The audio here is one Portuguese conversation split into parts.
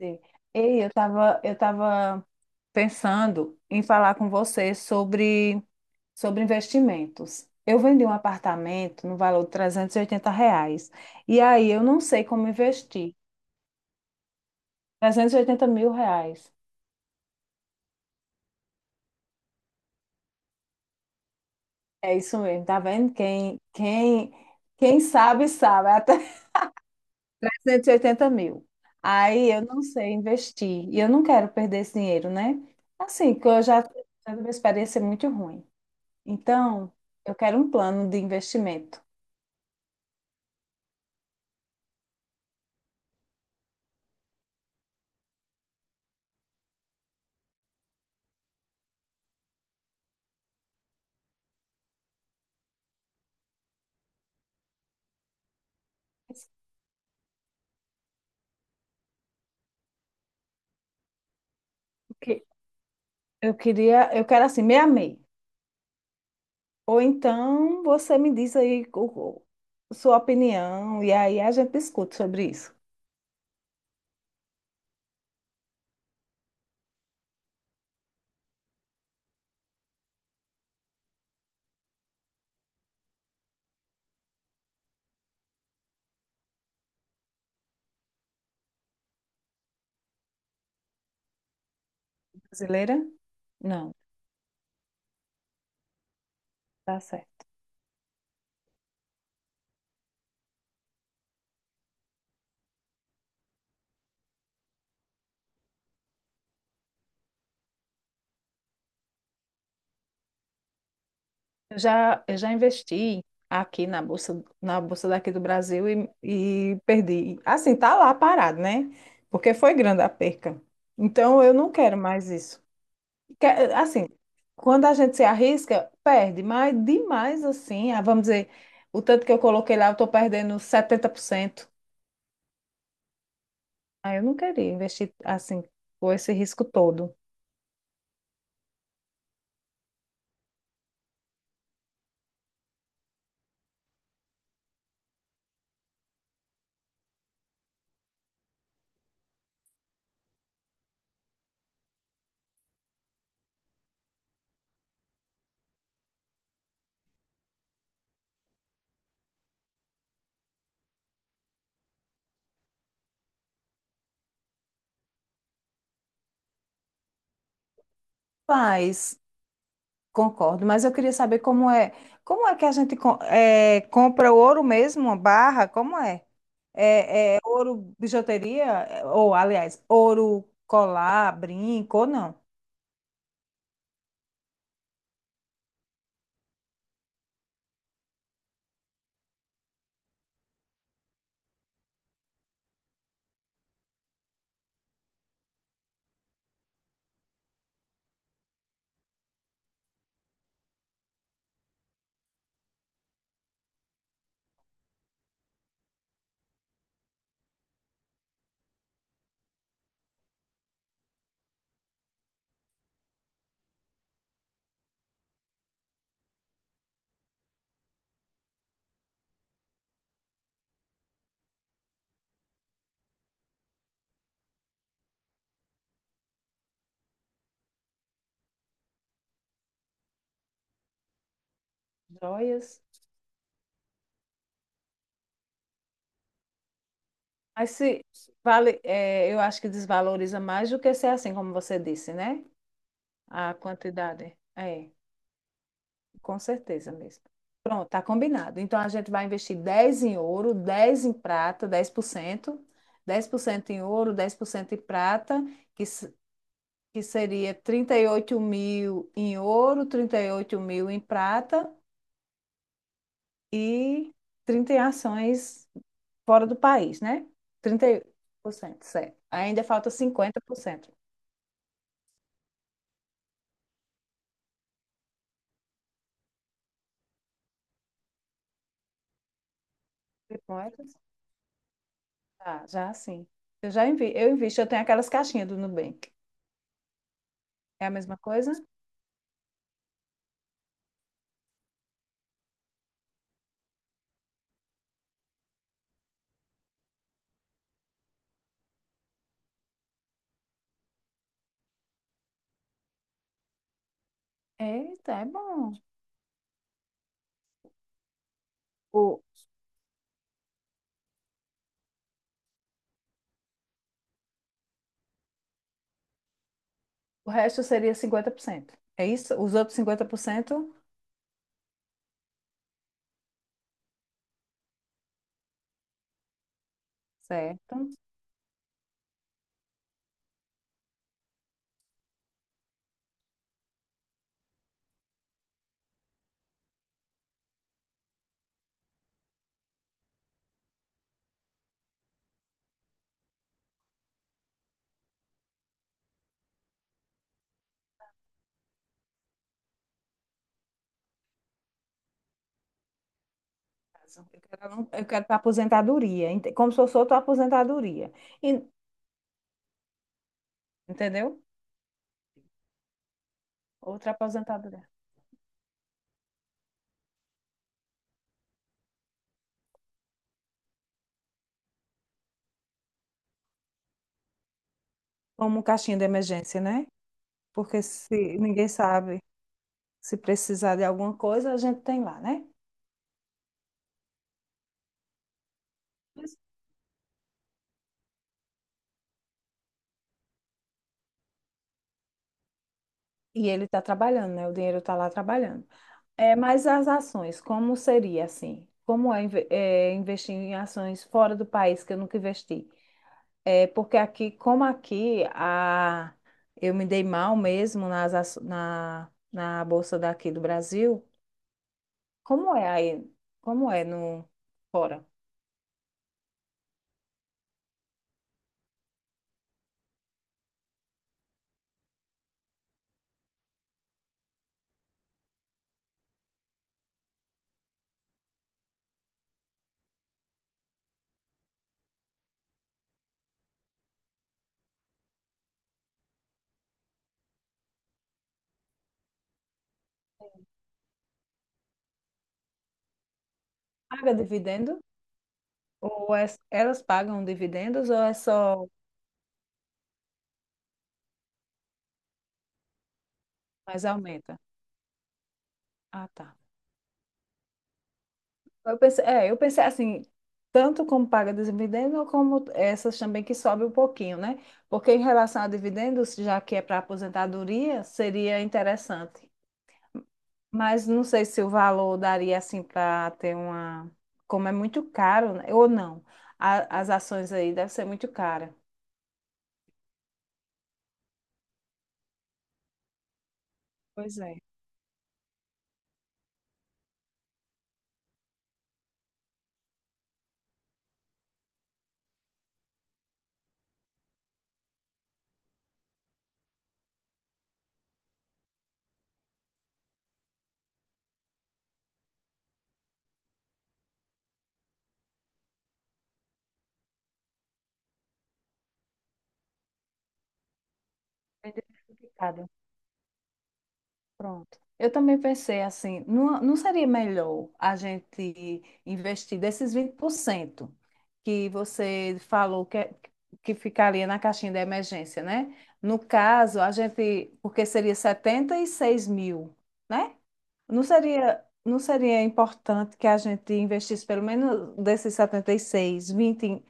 Sim. Ei, eu tava pensando em falar com você sobre investimentos. Eu vendi um apartamento no valor de R$ 380. E aí eu não sei como investir. R$ 380.000. É isso mesmo, tá vendo? Quem quem sabe, sabe. É até 380.000. Aí eu não sei investir. E eu não quero perder esse dinheiro, né? Assim, que eu já tive uma experiência muito ruim. Então, eu quero um plano de investimento. Porque eu quero assim, meia meia. Ou então você me diz aí sua opinião e aí a gente discute sobre isso. Brasileira? Não, tá certo. Eu já investi aqui na bolsa daqui do Brasil, e perdi. Assim, tá lá parado, né? Porque foi grande a perca. Então eu não quero mais isso. Assim, quando a gente se arrisca, perde, mas demais assim, ah, vamos dizer, o tanto que eu coloquei lá, eu estou perdendo 70%. Ah, eu não queria investir assim, com esse risco todo. Faz, concordo, mas eu queria saber como é. Como é que a gente co- é, compra o ouro mesmo, uma barra? Como é? Ouro, bijuteria, eh, Ou, aliás, ouro, colar, brinco ou não? Joias. Mas se vale, é, eu acho que desvaloriza mais do que ser assim, como você disse, né? A quantidade. É, com certeza mesmo. Pronto, tá combinado. Então a gente vai investir 10 em ouro, 10 em prata, 10% em ouro, 10% em prata, que, s- que seria 38.000 em ouro, 38.000 em prata e 30 em ações fora do país, né? 30%, certo. Ainda falta 50%. Com essas? Já, já sim. Eu invisto, eu tenho aquelas caixinhas do Nubank. É a mesma coisa? Eita, é bom. O, o resto seria 50%, é isso? Os outros 50%? Certo. Eu quero para aposentadoria, como se fosse outra aposentadoria. E- entendeu? Outra aposentadoria. Como um caixinha de emergência, né? Porque se ninguém sabe, se precisar de alguma coisa, a gente tem lá, né? E ele está trabalhando, né? O dinheiro está lá trabalhando. É, mas as ações, como seria assim? Como é, investir em ações fora do país que eu nunca investi? É, porque aqui, eu me dei mal mesmo na bolsa daqui do Brasil. Como é aí? Como é no fora? Paga dividendo? Elas pagam dividendos ou é só, mas aumenta? Ah, tá. Eu pensei assim, tanto como paga dividendo, como essas também que sobe um pouquinho, né? Porque em relação a dividendos, já que é para aposentadoria, seria interessante. Mas não sei se o valor daria assim para ter uma. Como é muito caro, né? Ou não. As ações aí devem ser muito caras. Pois é. Bem diversificado. Pronto. Eu também pensei assim, não, não seria melhor a gente investir desses 20% que você falou que ficaria na caixinha da emergência, né? No caso, a gente, porque seria 76.000, né? Não seria importante que a gente investisse pelo menos desses 76, 20,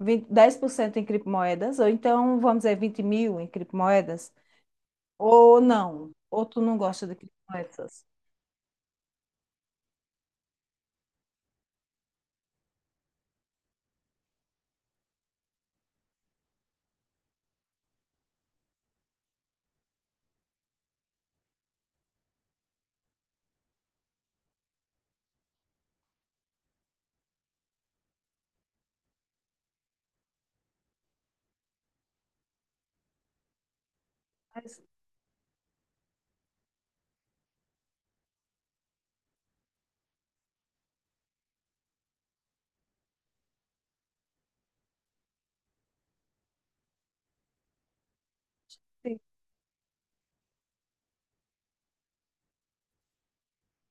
20, 10% em vinte, dez por cento em criptomoedas, ou então, vamos dizer, 20.000 em criptomoedas, ou não? Ou tu não gosta de criptomoedas? Mas, sim,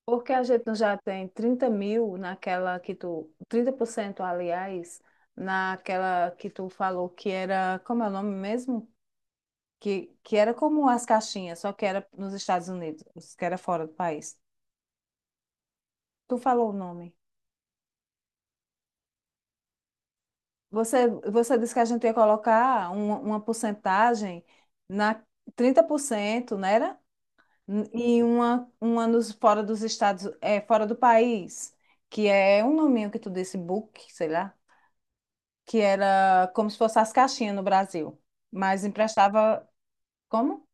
porque a gente não já tem 30.000 naquela que tu. 30%, aliás, naquela que tu falou que era. Como é o nome mesmo? Que era como as caixinhas, só que era nos Estados Unidos, que era fora do país. Tu falou o nome. Você disse que a gente ia colocar uma porcentagem na, 30%, não era? E uma nos, fora do país, que é um nominho que tu disse, book, sei lá. Que era como se fosse as caixinhas no Brasil, mas emprestava como?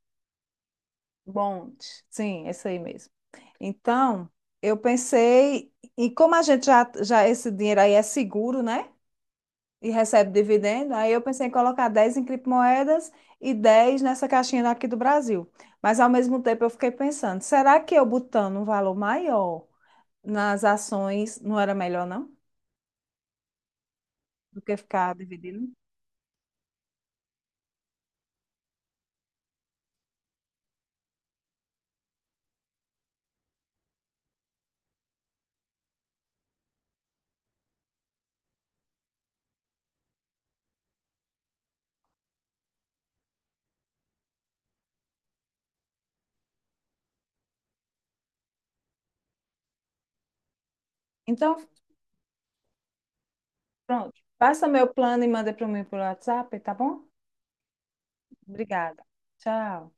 Bonde. Sim, esse aí mesmo. Então, eu pensei, e como a gente já esse dinheiro aí é seguro, né? E recebe dividendo, aí eu pensei em colocar 10 em criptomoedas e 10 nessa caixinha daqui do Brasil. Mas ao mesmo tempo eu fiquei pensando, será que eu botando um valor maior nas ações não era melhor, não? Do que ficar dividindo? Então, pronto. Passa meu plano e manda para mim pelo WhatsApp, tá bom? Obrigada. Tchau.